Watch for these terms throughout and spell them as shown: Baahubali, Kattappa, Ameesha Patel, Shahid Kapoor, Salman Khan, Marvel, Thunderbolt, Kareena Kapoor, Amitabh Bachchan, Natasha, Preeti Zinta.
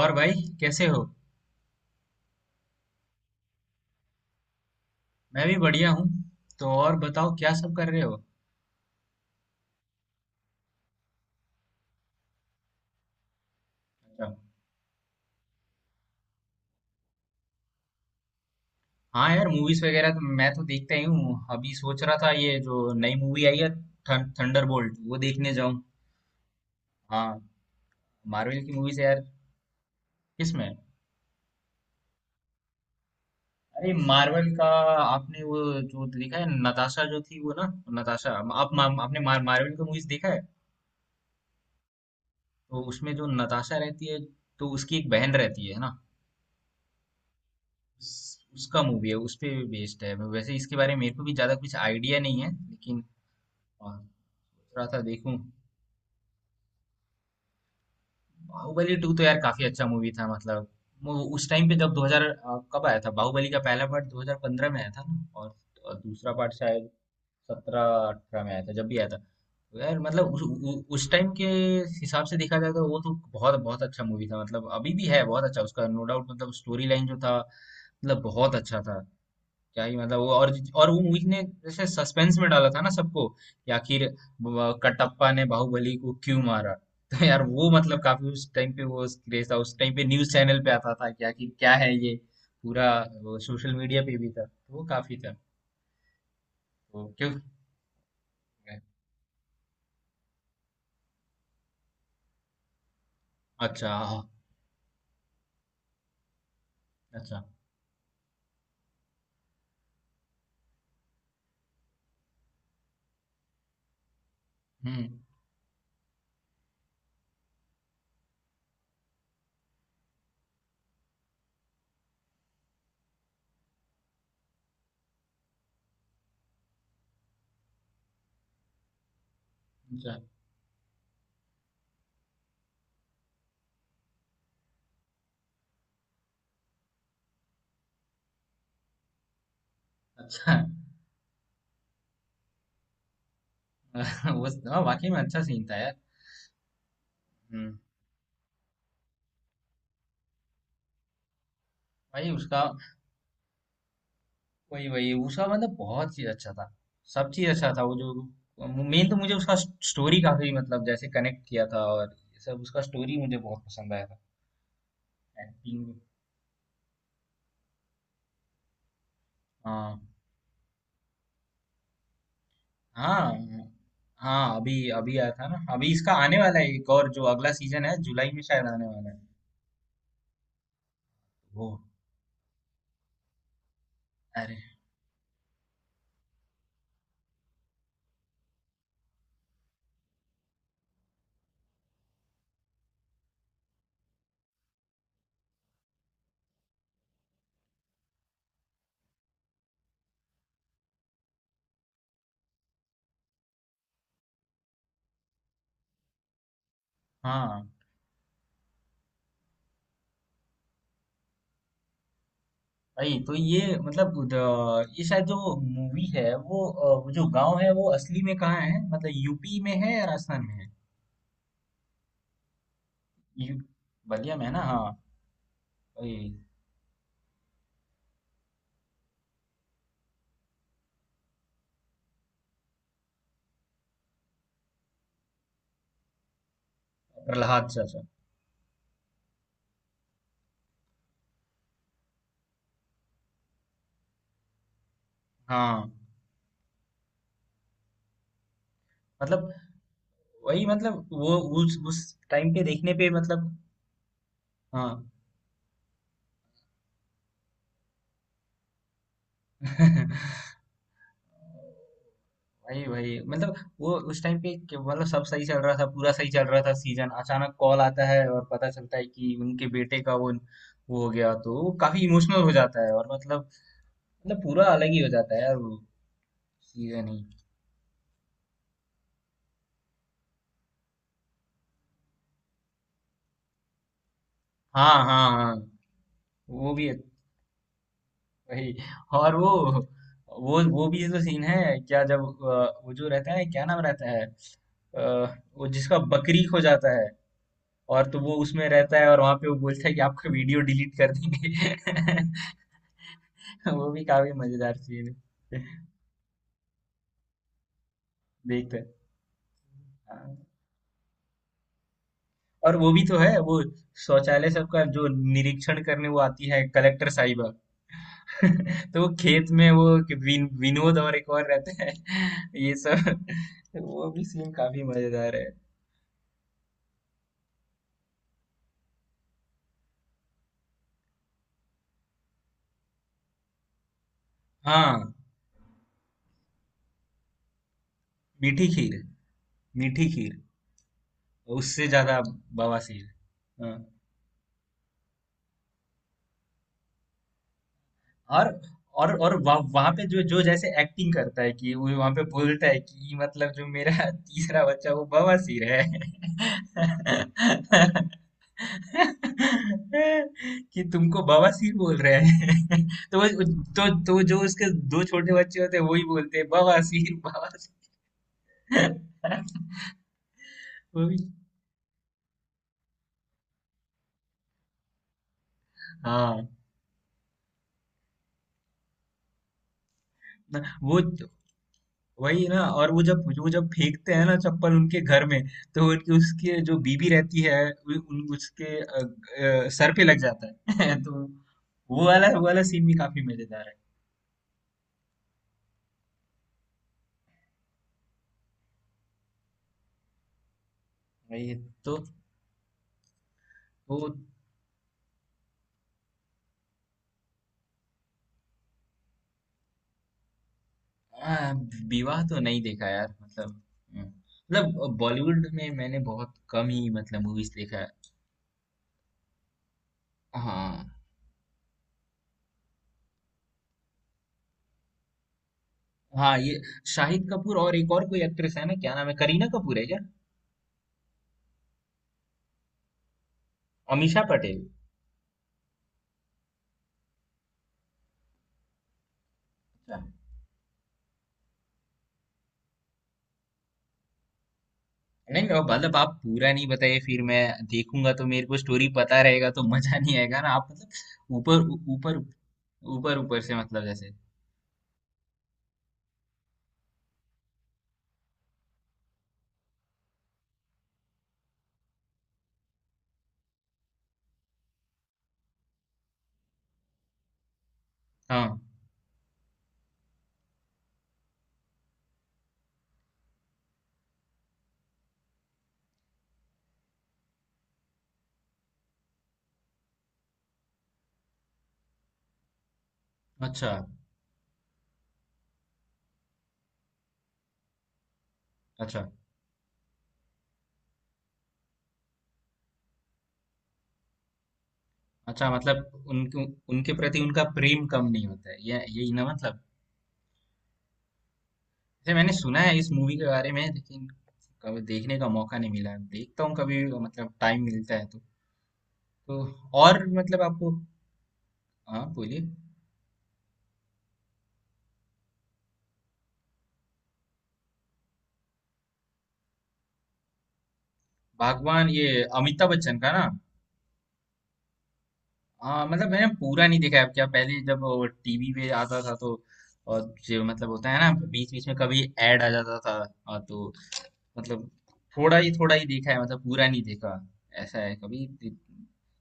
और भाई, कैसे हो। मैं भी बढ़िया हूँ। तो और बताओ, क्या सब कर रहे हो। अच्छा। हाँ यार, मूवीज वगैरह तो मैं तो देखता ही हूँ। अभी सोच रहा था ये जो नई मूवी आई है, थंडरबोल्ट, वो देखने जाऊँ। हाँ। मार्वल की मूवीज है यार। किसमें? अरे, मार्वल का आपने वो जो देखा है, नताशा जो थी वो ना। नताशा। मार्वल का मूवीज देखा है? तो उसमें जो नताशा रहती है, तो उसकी एक बहन रहती है ना। उसका मूवी है, उस पे बेस्ड है। वैसे इसके बारे में मेरे को भी ज्यादा कुछ आइडिया नहीं है, लेकिन। और थोड़ा सा देखूं। बाहुबली टू तो यार काफी अच्छा मूवी था, मतलब। वो उस टाइम पे जब 2000, कब आया था बाहुबली का पहला पार्ट, 2015 में आया था ना। और दूसरा पार्ट शायद 17, 18 में आया था, जब भी आया था। तो यार, मतलब उस टाइम के हिसाब से देखा जाए, तो वो तो बहुत बहुत अच्छा मूवी था। मतलब अभी भी है बहुत अच्छा उसका, नो डाउट। मतलब स्टोरी लाइन जो था, मतलब बहुत अच्छा था। क्या ही मतलब। वो और वो, मूवी ने जैसे सस्पेंस में डाला था ना सबको कि आखिर कटप्पा ने बाहुबली को क्यों मारा। तो यार वो मतलब काफी, उस टाइम पे वो क्रेज था। उस टाइम पे न्यूज चैनल पे आता था कि आखिर क्या है ये पूरा। वो सोशल मीडिया पे भी था, तो वो काफी था। तो क्यों। अच्छा। हाँ, अच्छा। हम्म। अच्छा। अच्छा। वो, हाँ, वाकई में अच्छा सीन था यार। हम्म। भाई उसका, वही वही उसका, मतलब, बहुत चीज अच्छा था। सब चीज अच्छा था वो जो। मेन तो मुझे उसका स्टोरी काफी, मतलब, जैसे कनेक्ट किया था, और ये सब उसका स्टोरी मुझे बहुत पसंद आया था। एक्टिंग। हाँ। हाँ हाँ, अभी अभी आया था ना, अभी इसका आने वाला है एक और, जो अगला सीजन है जुलाई में शायद आने वाला है। वो। अरे। हाँ भाई, तो ये, मतलब ये शायद जो मूवी है वो, वो जो गांव है वो असली में कहाँ है, मतलब यूपी में है या राजस्थान में है? यू, बलिया में है ना। हाँ। प्रहलाद चाचा। हाँ, मतलब वही, मतलब। वो उस टाइम पे देखने पे, मतलब। हाँ। वही वही, मतलब। वो उस टाइम पे, कि मतलब सब सही चल रहा था, पूरा सही चल रहा था सीजन, अचानक कॉल आता है और पता चलता है कि उनके बेटे का, वो हो गया। तो वो काफी इमोशनल हो जाता है, और, मतलब, मतलब पूरा अलग ही हो जाता है यार वो सीजन ही। हाँ हाँ हाँ। वो भी। वही। और वो, वो भी तो सीन है क्या, जब, वो जो रहता है, क्या नाम रहता है, वो जिसका बकरी खो जाता है, और, तो वो उसमें रहता है और वहां पे वो बोलता है कि आपका वीडियो डिलीट कर देंगे। वो भी काफी मजेदार सीन है। देखते हैं। हाँ। और वो भी तो है वो, शौचालय सबका जो निरीक्षण करने वो आती है, कलेक्टर साहिबा। तो वो खेत में वो, कि विनोद और एक और रहते हैं। ये सब। वो भी सीन काफी मजेदार है। हाँ। मीठी खीर। मीठी खीर। उससे ज्यादा बवासीर। हाँ। और और वहां पे जो जो, जैसे एक्टिंग करता है कि वो वहां पे बोलता है कि मतलब जो मेरा तीसरा बच्चा वो बवासीर है, कि तुमको बवासीर बोल रहे हैं। तो वो, तो जो उसके दो छोटे बच्चे होते हैं, वही बोलते हैं, बवासीर बवासीर। वो भी। हाँ। वो, वही ना। और वो, जब वो जब फेंकते हैं ना चप्पल उनके घर में, तो उनकी उसके जो बीबी रहती है, उन उसके सर पे लग जाता है। तो वो वाला सीन भी काफी मजेदार है। वही। तो वो। आ, विवाह तो नहीं देखा यार, मतलब, मतलब बॉलीवुड में मैंने बहुत कम ही, मतलब, मूवीज देखा है। हाँ। हाँ, ये शाहिद कपूर और एक और कोई एक्ट्रेस है ना, क्या नाम है, करीना कपूर है क्या? अमीषा पटेल? नहीं, वो मतलब आप पूरा नहीं बताइए, फिर मैं देखूंगा तो मेरे को स्टोरी पता रहेगा तो मजा नहीं आएगा ना। आप मतलब ऊपर ऊपर ऊपर, ऊपर से, मतलब, जैसे। हाँ। अच्छा। अच्छा। अच्छा, मतलब उनके, उनके प्रति उनका प्रेम कम नहीं होता है, ये यही ना, मतलब। जैसे मैंने सुना है इस मूवी के बारे में, लेकिन कभी देखने का मौका नहीं मिला। देखता हूँ कभी, मतलब टाइम मिलता है तो। तो, और मतलब आपको। हाँ, बोलिए। भगवान, ये अमिताभ बच्चन का ना। हाँ, मतलब मैंने पूरा नहीं देखा है, क्या पहले जब टीवी पे आता था तो, और जो मतलब होता है ना बीच बीच में कभी ऐड आ जाता था। हाँ, तो, मतलब थोड़ा ही देखा है, मतलब पूरा नहीं देखा ऐसा है कभी।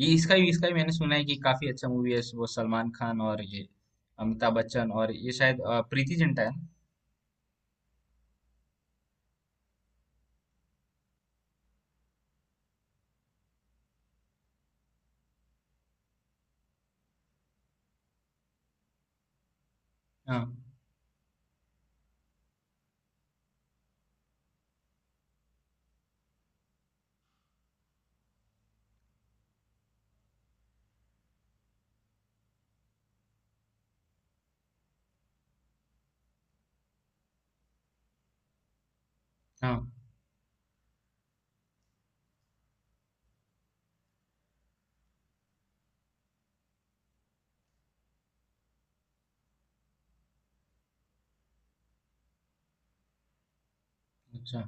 ये, इसका भी मैंने सुना है कि काफी अच्छा मूवी है वो, सलमान खान और ये अमिताभ बच्चन और ये शायद, प्रीति जिंटा है ना? हाँ। हाँ। अच्छा।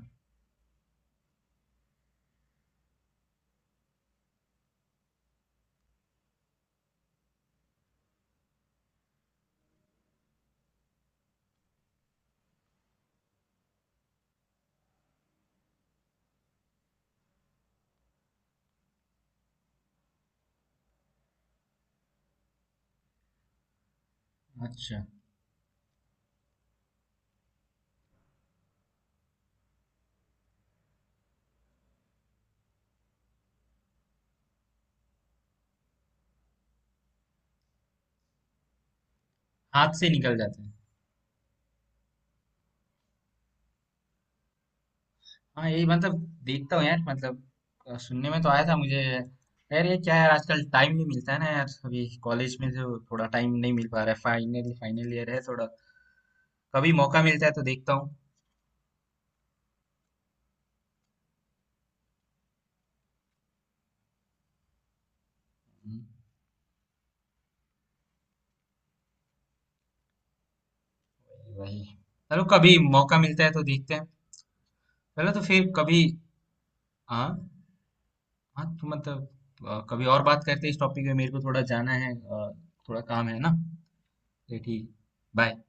अच्छा। हाथ से निकल जाता है। हाँ यही, मतलब। देखता हूँ यार, मतलब, सुनने में तो आया था मुझे। यार ये क्या यार, आजकल टाइम नहीं मिलता है ना यार। अभी कॉलेज में तो थोड़ा टाइम नहीं मिल पा रहा है, फाइनल फाइनल ईयर है थोड़ा। कभी मौका मिलता है तो देखता हूँ। हम्म, वही। चलो, कभी मौका मिलता है तो देखते हैं। चलो, तो फिर कभी। हाँ हाँ, तो मतलब कभी और बात करते हैं इस टॉपिक में। मेरे को थोड़ा जाना है, थोड़ा काम है ना। तो ठीक। बाय।